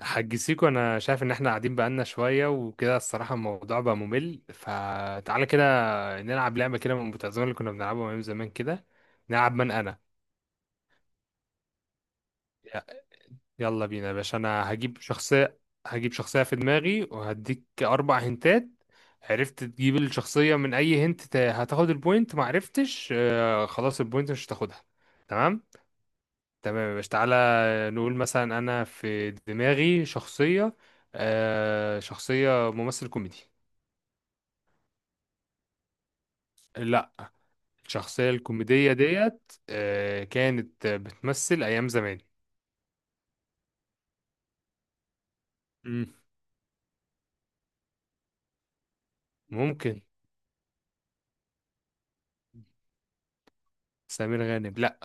حاج سيكو، انا شايف ان احنا قاعدين بقالنا شويه وكده الصراحه الموضوع بقى ممل، فتعالى كده نلعب لعبه كده من المتعزمه اللي كنا بنلعبها من زمان كده. نلعب من انا. ي- يلا بينا يا باشا، انا هجيب شخصيه. هجيب شخصيه في دماغي وهديك 4 هنتات. عرفت تجيب الشخصيه من اي هنت، هتاخد البوينت، ما عرفتش خلاص البوينت مش هتاخدها. تمام. تمام يا باشا، تعالى نقول مثلا انا في دماغي شخصيه. شخصيه ممثل كوميدي. لا. الشخصية الكوميدية ديت كانت بتمثل أيام زمان. مم. ممكن. سمير غانم لا.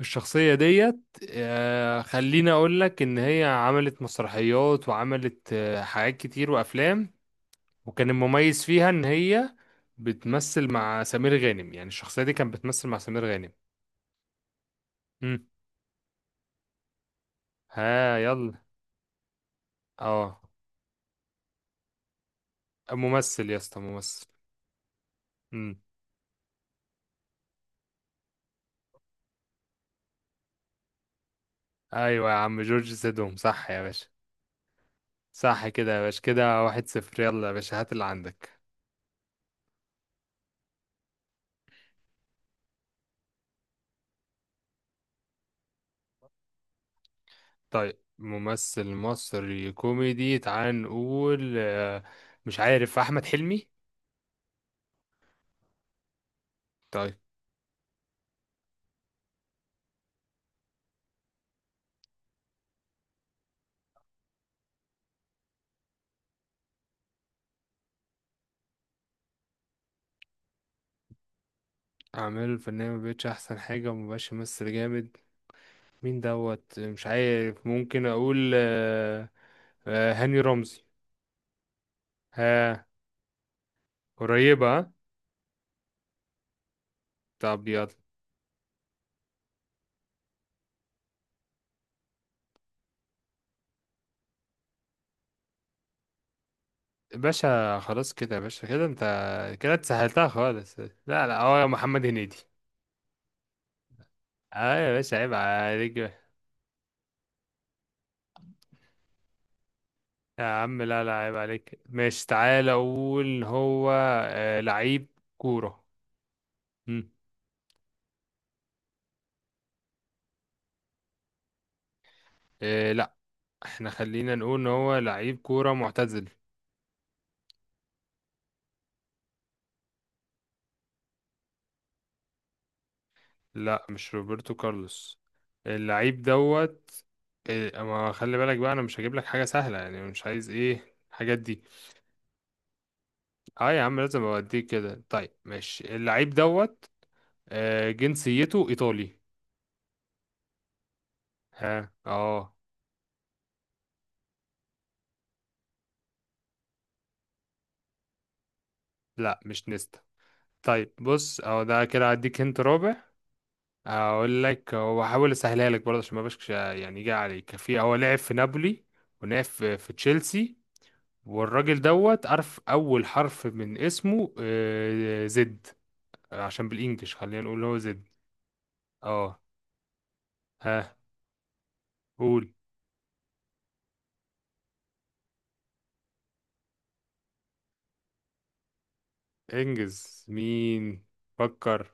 الشخصية ديت خليني أقول لك إن هي عملت مسرحيات وعملت حاجات كتير وأفلام. وكان المميز فيها إن هي بتمثل مع سمير غانم، يعني الشخصية دي كانت بتمثل مع سمير غانم. مم. ها يلا. اه. ممثل يا اسطى، ممثل. مم. ايوه يا عم، جورج سيدهم صح يا باشا. صح كده يا باشا، كده 1-0. يلا يا باشا هات اللي عندك. طيب، ممثل مصري كوميدي، تعال نقول آه، مش عارف أحمد حلمي. طيب. أعماله الفنية مبقتش أحسن حاجة ومبقاش يمثل جامد. مين دوت؟ مش عارف، ممكن أقول هاني رمزي. ها. قريبة ها؟ طب يلا. باشا خلاص كده يا باشا، كده انت كده اتسهلتها خالص. لا. لا، هو محمد هنيدي. اه يا باشا، عيب عليك. يا عم، لا لا عيب عليك. ماشي تعالى، اقول هو لعيب كورة. مم. لا، احنا خلينا نقول ان هو لعيب كورة معتزل. لا مش روبرتو كارلوس. اللعيب دوت ما خلي بالك بقى، انا مش هجيب لك حاجة سهلة يعني، مش عايز ايه الحاجات دي. اه يا عم لازم اوديك كده. طيب ماشي، اللعيب دوت جنسيته ايطالي. ها اه. لا مش نيستا. طيب بص اهو ده كده، هديك هنت رابع. اقول لك، هو حاول اسهلها لك برضه عشان ما بقاش يعني يجي عليك في هو لعب في نابولي ولعب في تشيلسي، والراجل دوت عارف اول حرف من اسمه زد. عشان بالانجلش خلينا نقول هو زد. اه. ها قول. انجز مين؟ فكر.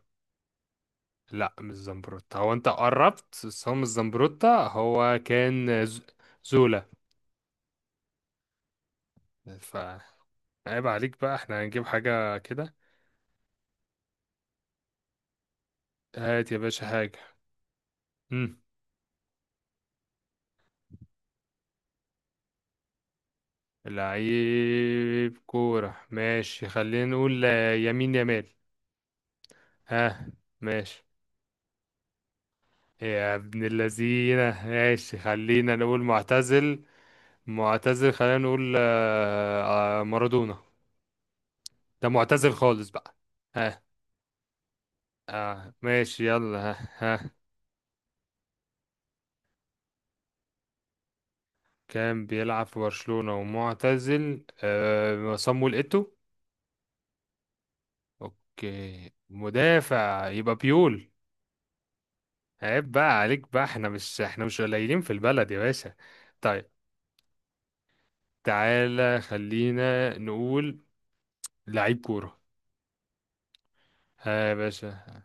لا مش زمبروتا. هو انت قربت بس هو مش زمبروتا، هو كان زولا. ف عيب عليك بقى، احنا هنجيب حاجة كده. هات يا باشا حاجة. لعيب كورة ماشي، خلينا نقول يمين يمال. ها ماشي. يا ابن اللذينة، ماشي خلينا نقول معتزل. معتزل خلينا نقول مارادونا. ده معتزل خالص بقى. ها. ماشي يلا، ها ها. كان بيلعب في برشلونة ومعتزل صامويل إيتو. اوكي مدافع، يبقى بيول. عيب بقى عليك بقى، احنا مش احنا مش قليلين في البلد يا باشا. طيب تعالى خلينا نقول لعيب كورة. ها يا باشا.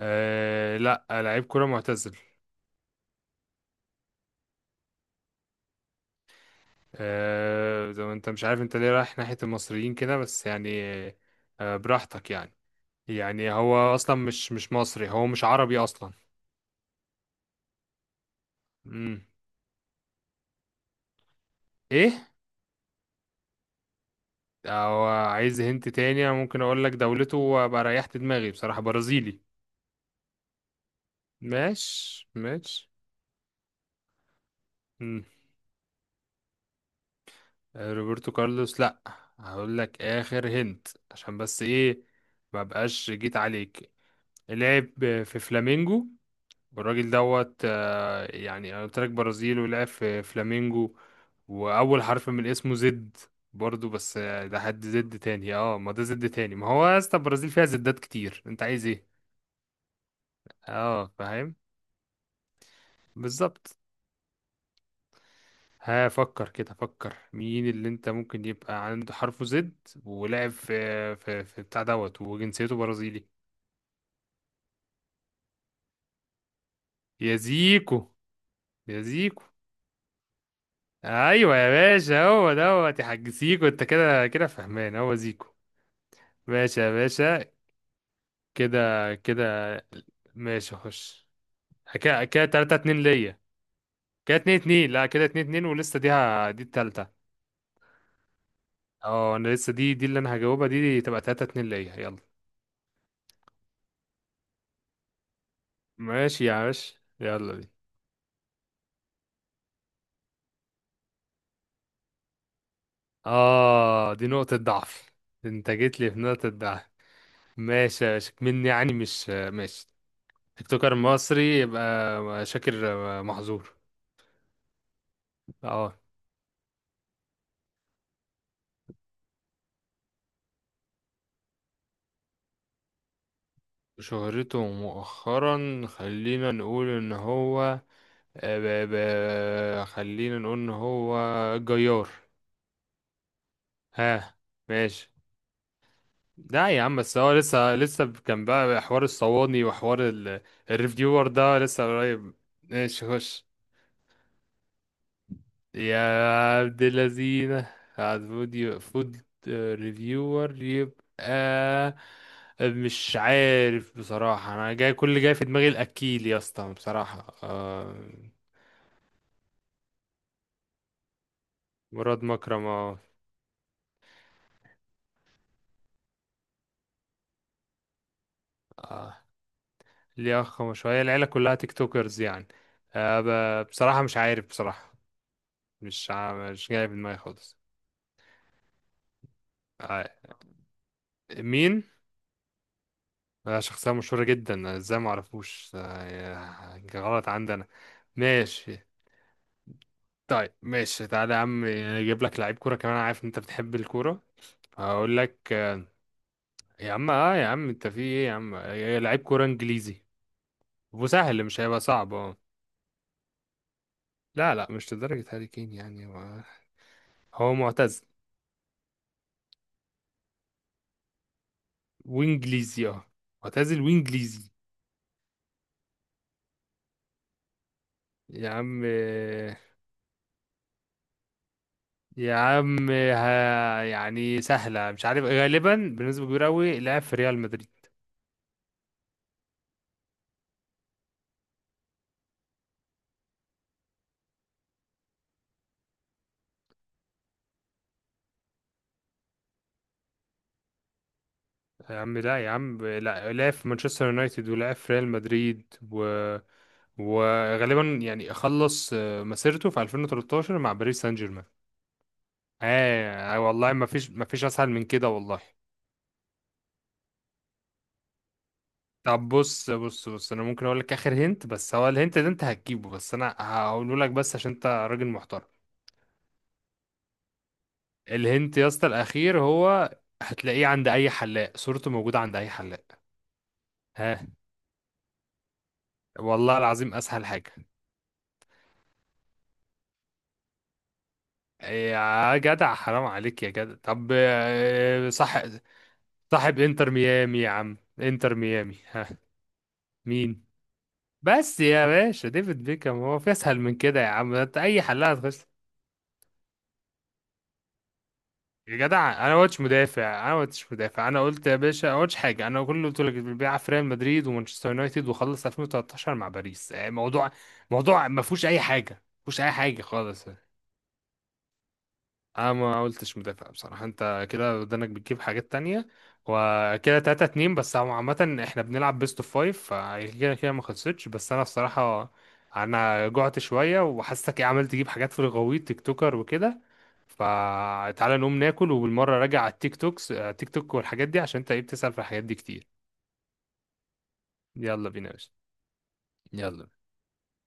آه لا، لعيب كورة معتزل. زي ما انت مش عارف، انت ليه رايح ناحية المصريين كده بس يعني، آه براحتك يعني. يعني هو اصلا مش مش مصري، هو مش عربي اصلا. امم ايه؟ او عايز هنت تاني، انا ممكن اقول لك دولته وابقى ريحت دماغي بصراحة، برازيلي. ماشي ماشي. روبرتو كارلوس لا. هقول لك اخر هنت عشان بس ايه، ما بقاش جيت عليك. لعب في فلامينجو، والراجل دوت يعني انا قلت لك برازيل ولعب في فلامينجو، واول حرف من اسمه زد برضو. بس ده حد زد تاني. اه، ما ده زد تاني ما هو. يا اسطى البرازيل فيها زدات كتير، انت عايز ايه؟ اه فاهم. بالظبط. هفكر كده، فكر مين اللي انت ممكن يبقى عنده حرفه زد ولعب في في في بتاع دوت وجنسيته برازيلي. يا زيكو. يا زيكو. ايوه يا باشا، هو دوت يا حاج زيكو، انت كده كده فهمان هو زيكو. ماشي يا باشا. كده كده. ماشي خش. كده كده 3-2 ليا. كده 2-2. لا كده 2-2 ولسه دي التالتة. اه انا لسه دي اللي انا هجاوبها، دي تبقى 3-2 ليا يلا. ماشي يا باشا، يلا بينا. دي نقطة ضعف. أنت جيت لي في نقطة ضعف. ماشي مني يعني مش ماشي. تيك توكر مصري يبقى شاكر محظور. اه. شهرته مؤخرا، خلينا نقول ان هو خلينا نقول ان هو جيار. ها ماشي. لا يا عم، بس هو لسه لسه كان بقى حوار الصواني وحوار ال... الريفيور ده لسه قريب. ماشي خش. يا عبد اللذينة، فود فود ريفيور يبقى مش عارف بصراحة، أنا جاي كل اللي جاي في دماغي الأكيل يا اسطى بصراحة آه. مراد مكرم اه. آه، ليه أخ؟ ما شوية العيلة كلها تيك توكرز يعني. بصراحة مش عارف بصراحة، مش جاي في دماغي خالص. آه مين؟ شخصية مشهورة جدا، ازاي معرفوش غلط عندنا. ماشي. طيب ماشي تعالى يا عم، اجيب لك لعيب كوره كمان، أنا عارف إن انت بتحب الكوره. هقول لك يا عم اه يا عم انت في ايه يا عم لعيب كوره انجليزي. وسهل، مش هيبقى صعب اه. لا لا مش لدرجه هاري كين يعني. هو هو معتزل وانجليزي، اه. معتزل وانجليزي. يا عم يا عم ها يعني سهله، مش عارف غالبا بنسبه كبيره قوي، لعب في ريال مدريد. يا عم لا يا عم لا، لعب في مانشستر يونايتد ولعب في ريال مدريد و... وغالبا يعني خلص مسيرته في 2013 مع باريس سان جيرمان. والله ما فيش اسهل من كده والله. طب بص بص بص، انا ممكن اقول لك اخر هنت، بس هو الهنت ده انت هتجيبه، بس انا هقوله لك بس عشان انت راجل محترم. الهنت يا اسطى الاخير هو هتلاقيه عند اي حلاق، صورته موجودة عند اي حلاق. ها. والله العظيم اسهل حاجة. يا جدع حرام عليك يا جدع. طب صح، صاحب انتر ميامي يا عم، انتر ميامي ها. مين؟ بس يا باشا ديفيد بيكهام، هو في اسهل من كده يا عم، ده انت اي حلها هتخش. يا جدع انا ما قلتش مدافع، انا ما قلتش مدافع، انا قلت يا باشا ما قلتش حاجه، انا كل اللي قلت لك بيلعب في ريال مدريد ومانشستر يونايتد وخلص 2013 مع باريس. موضوع ما فيهوش اي حاجه، ما فيهوش اي حاجه خالص. انا ما قلتش مدافع بصراحة، انت كده ودانك بتجيب حاجات تانية. وكده 3-2، بس هو عامة احنا بنلعب بيست اوف فايف، فكده كده ما خلصتش. بس انا بصراحة انا جعت شوية، وحاسسك ايه عمال تجيب حاجات في الغويط، تيك توكر وكده، فتعالى نقوم ناكل، وبالمرة راجع على التيك توكس التيك توك والحاجات دي، عشان انت ايه بتسأل في الحاجات دي كتير. يلا بينا يا باشا، يلا.